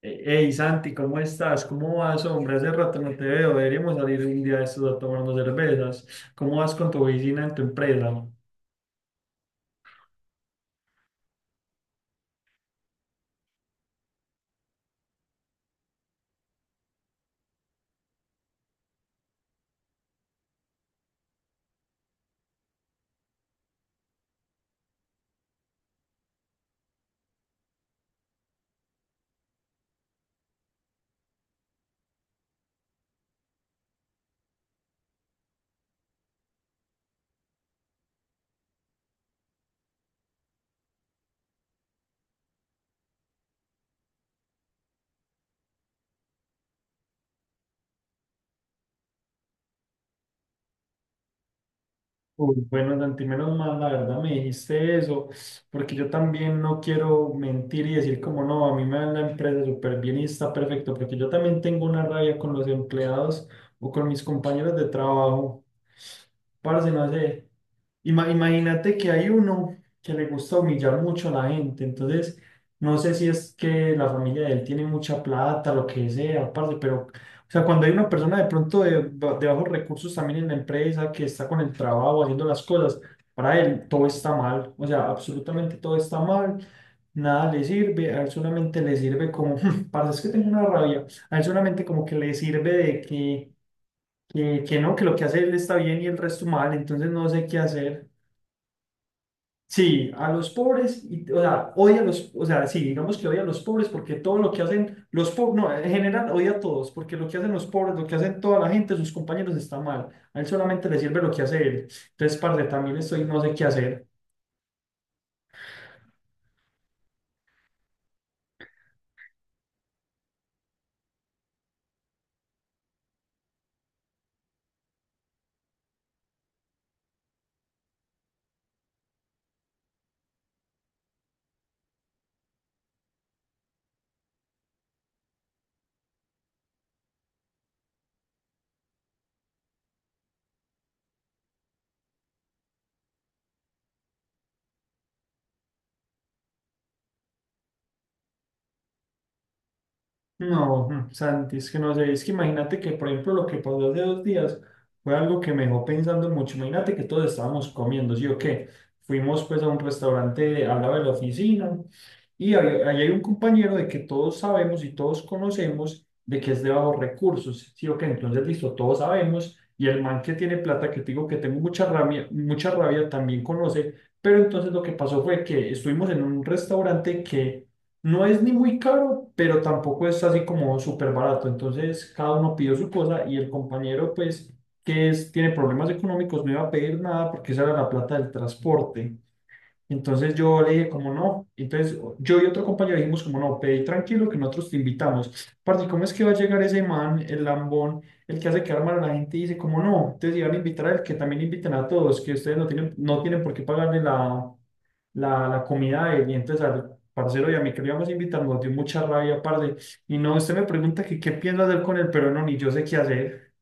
Hey Santi, ¿cómo estás? ¿Cómo vas, hombre? Hace rato no te veo. Deberíamos salir un día de estos a tomarnos cervezas. ¿Cómo vas con tu oficina en tu empresa? Uy, bueno, Santi, menos mal, la verdad me dijiste eso, porque yo también no quiero mentir y decir como no, a mí me va la empresa súper bien y está perfecto, porque yo también tengo una rabia con los empleados o con mis compañeros de trabajo. Parce, no sé. Imagínate que hay uno que le gusta humillar mucho a la gente, entonces no sé si es que la familia de él tiene mucha plata, lo que sea, parce, pero, o sea, cuando hay una persona de pronto de, de bajos recursos también en la empresa que está con el trabajo haciendo las cosas, para él todo está mal, o sea, absolutamente todo está mal, nada le sirve, a él solamente le sirve como, parce, es que tengo una rabia, a él solamente como que le sirve de que que no, que lo que hace él está bien y el resto mal, entonces no sé qué hacer. Sí, a los pobres, y, o sea, odia a los, o sea, sí, digamos que odia a los pobres porque todo lo que hacen los pobres, no, en general odia a todos, porque lo que hacen los pobres, lo que hacen toda la gente, sus compañeros está mal. A él solamente le sirve lo que hace él. Entonces, parce, también estoy, no sé qué hacer. No, Santi, es que no sé, es que imagínate que, por ejemplo, lo que pasó hace dos días fue algo que me dejó pensando mucho. Imagínate que todos estábamos comiendo, ¿sí o qué? Fuimos pues a un restaurante al lado de la oficina y ahí hay un compañero de que todos sabemos y todos conocemos de que es de bajos recursos, ¿sí o qué? Entonces, listo, todos sabemos y el man que tiene plata, que te digo que tengo mucha rabia, también conoce, pero entonces lo que pasó fue que estuvimos en un restaurante que no es ni muy caro, pero tampoco es así como súper barato. Entonces, cada uno pidió su cosa y el compañero, pues, que es, tiene problemas económicos, no iba a pedir nada porque esa era la plata del transporte. Entonces yo le dije como no, entonces yo y otro compañero dijimos como no, pedí tranquilo que nosotros te invitamos. Parce, ¿cómo es que va a llegar ese man, el lambón, el que hace quedar mal a la gente y dice como no? Entonces iban a invitar al que también inviten a todos, que ustedes no tienen, no tienen por qué pagarle la comida de él. Y entonces al parcero y a mí que lo íbamos a invitar nos dio mucha rabia, parce. Y no, usted me pregunta que qué pienso hacer con él, pero no, ni yo sé qué hacer.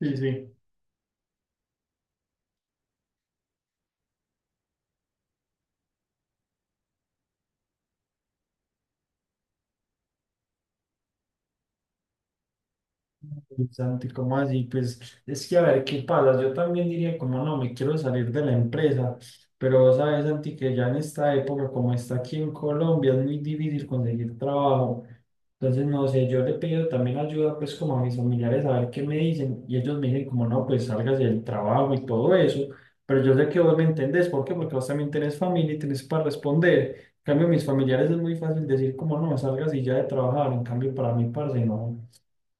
Sí, sí. Uy, Santi, ¿cómo así? Pues es que a ver qué pasa. Yo también diría, como no, me quiero salir de la empresa. Pero vos sabes, Santi, que ya en esta época, como está aquí en Colombia, es muy difícil conseguir trabajo. Entonces, no sé, yo le pido también ayuda pues como a mis familiares a ver qué me dicen y ellos me dicen como no, pues salgas del trabajo y todo eso, pero yo sé que vos me entendés, ¿por qué? Porque vos también tenés familia y tenés para responder. En cambio, mis familiares es muy fácil decir como no, salgas y ya de trabajar, en cambio para mí, parce, no.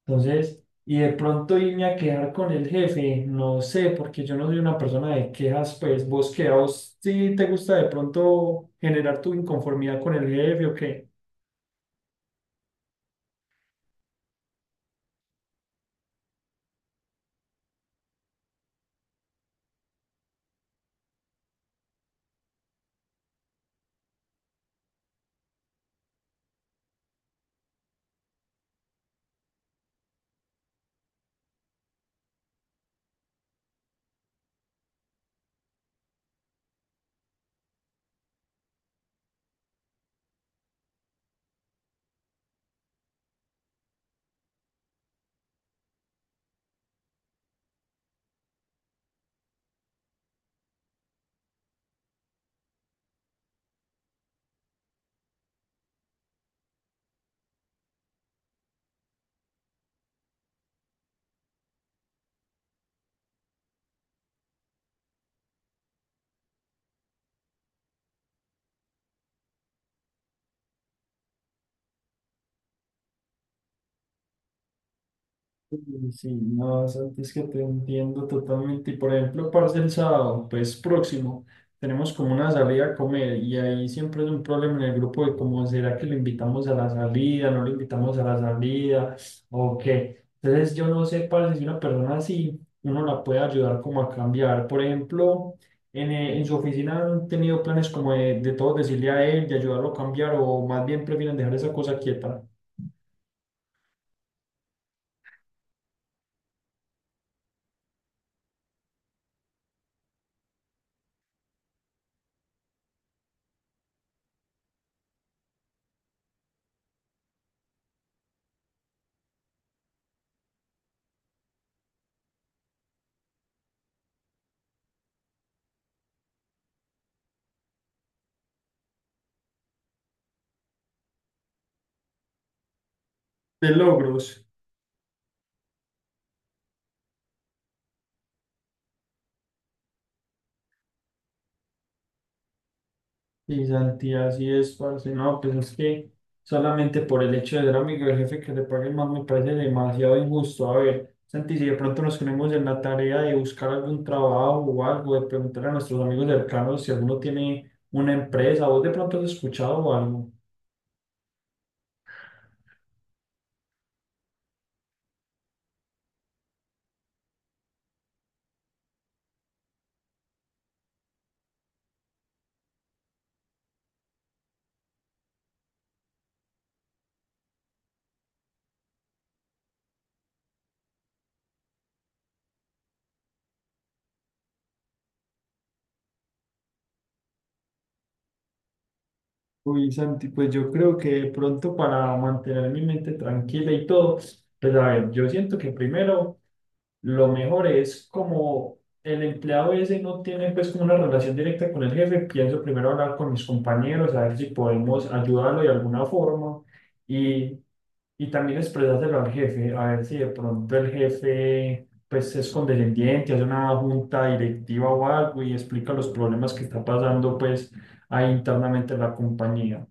Entonces, y de pronto irme a quejar con el jefe, no sé, porque yo no soy una persona de quejas, pues vos qué, a vos sí te gusta de pronto generar tu inconformidad con el jefe o qué. Sí, sí, no, Santi, es que te entiendo totalmente. Y por ejemplo, parce, el sábado, pues próximo, tenemos como una salida a comer y ahí siempre es un problema en el grupo de cómo será que lo invitamos a la salida, no lo invitamos a la salida o qué. Entonces, yo no sé, parce, si una persona así, uno la puede ayudar como a cambiar. Por ejemplo, en su oficina han tenido planes como de todo decirle a él, de ayudarlo a cambiar o más bien prefieren dejar esa cosa quieta. De logros. Y Santi, así es, parce. No, pues es que solamente por el hecho de ser amigo del jefe que le paguen más me parece demasiado injusto. A ver, Santi, si de pronto nos ponemos en la tarea de buscar algún trabajo o algo, de preguntar a nuestros amigos cercanos si alguno tiene una empresa, ¿vos de pronto has escuchado o algo? Uy, Santi, pues yo creo que de pronto para mantener mi mente tranquila y todo, pues a ver, yo siento que primero. Lo mejor es como el empleado ese no tiene pues como una relación directa con el jefe, pienso primero hablar con mis compañeros, a ver si podemos ayudarlo de alguna forma y, y también expresárselo al jefe, a ver si de pronto el jefe pues es condescendiente, hace una junta directiva o algo y explica los problemas que está pasando pues ahí internamente en la compañía.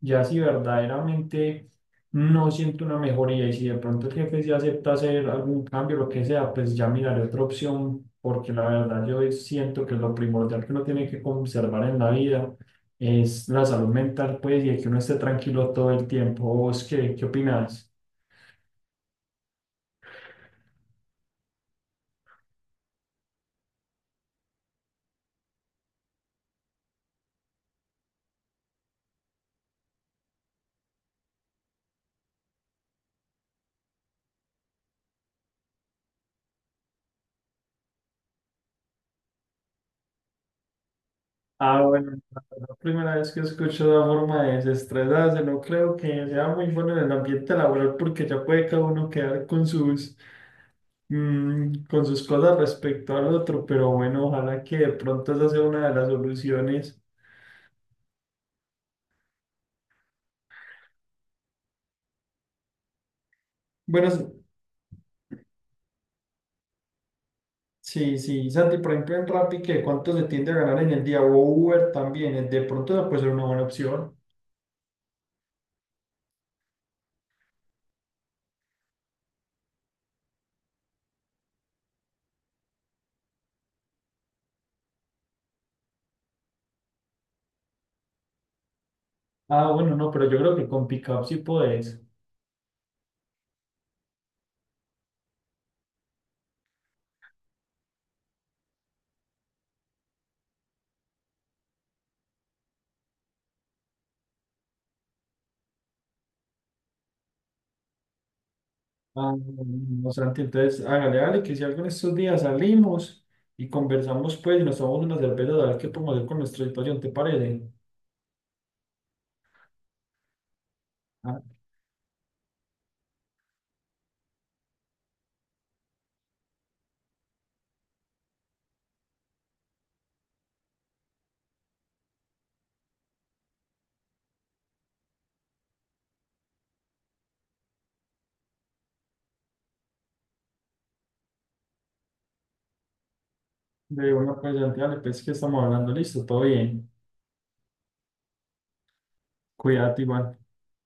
Ya si verdaderamente no siento una mejoría y si de pronto el jefe sí acepta hacer algún cambio, lo que sea, pues ya miraré otra opción, porque la verdad yo siento que lo primordial que uno tiene que conservar en la vida es la salud mental, pues, y que uno esté tranquilo todo el tiempo. ¿Vos qué, qué opinás? Ah, bueno, la verdad, primera vez que escucho una forma de desestresarse, no creo que sea muy bueno en el ambiente laboral porque ya puede cada uno quedar con sus con sus cosas respecto al otro, pero bueno, ojalá que de pronto esa sea una de las soluciones. Bueno, s- sí, sí, Santi, por ejemplo, en Rappi, ¿qué cuánto se tiende a ganar en el día? O Uber también, de pronto esa puede ser una buena opción. Ah, bueno, no, pero yo creo que con Pickup sí podés. Ah, no, Santi, entonces hágale, hágale, que si algo en estos días salimos y conversamos, pues, y nos tomamos una cerveza, a ver qué podemos hacer con nuestra situación, ¿te parece? Ah, de una, pues, Santi, dale, pues, que estamos hablando, listo, todo bien. Cuídate, igual.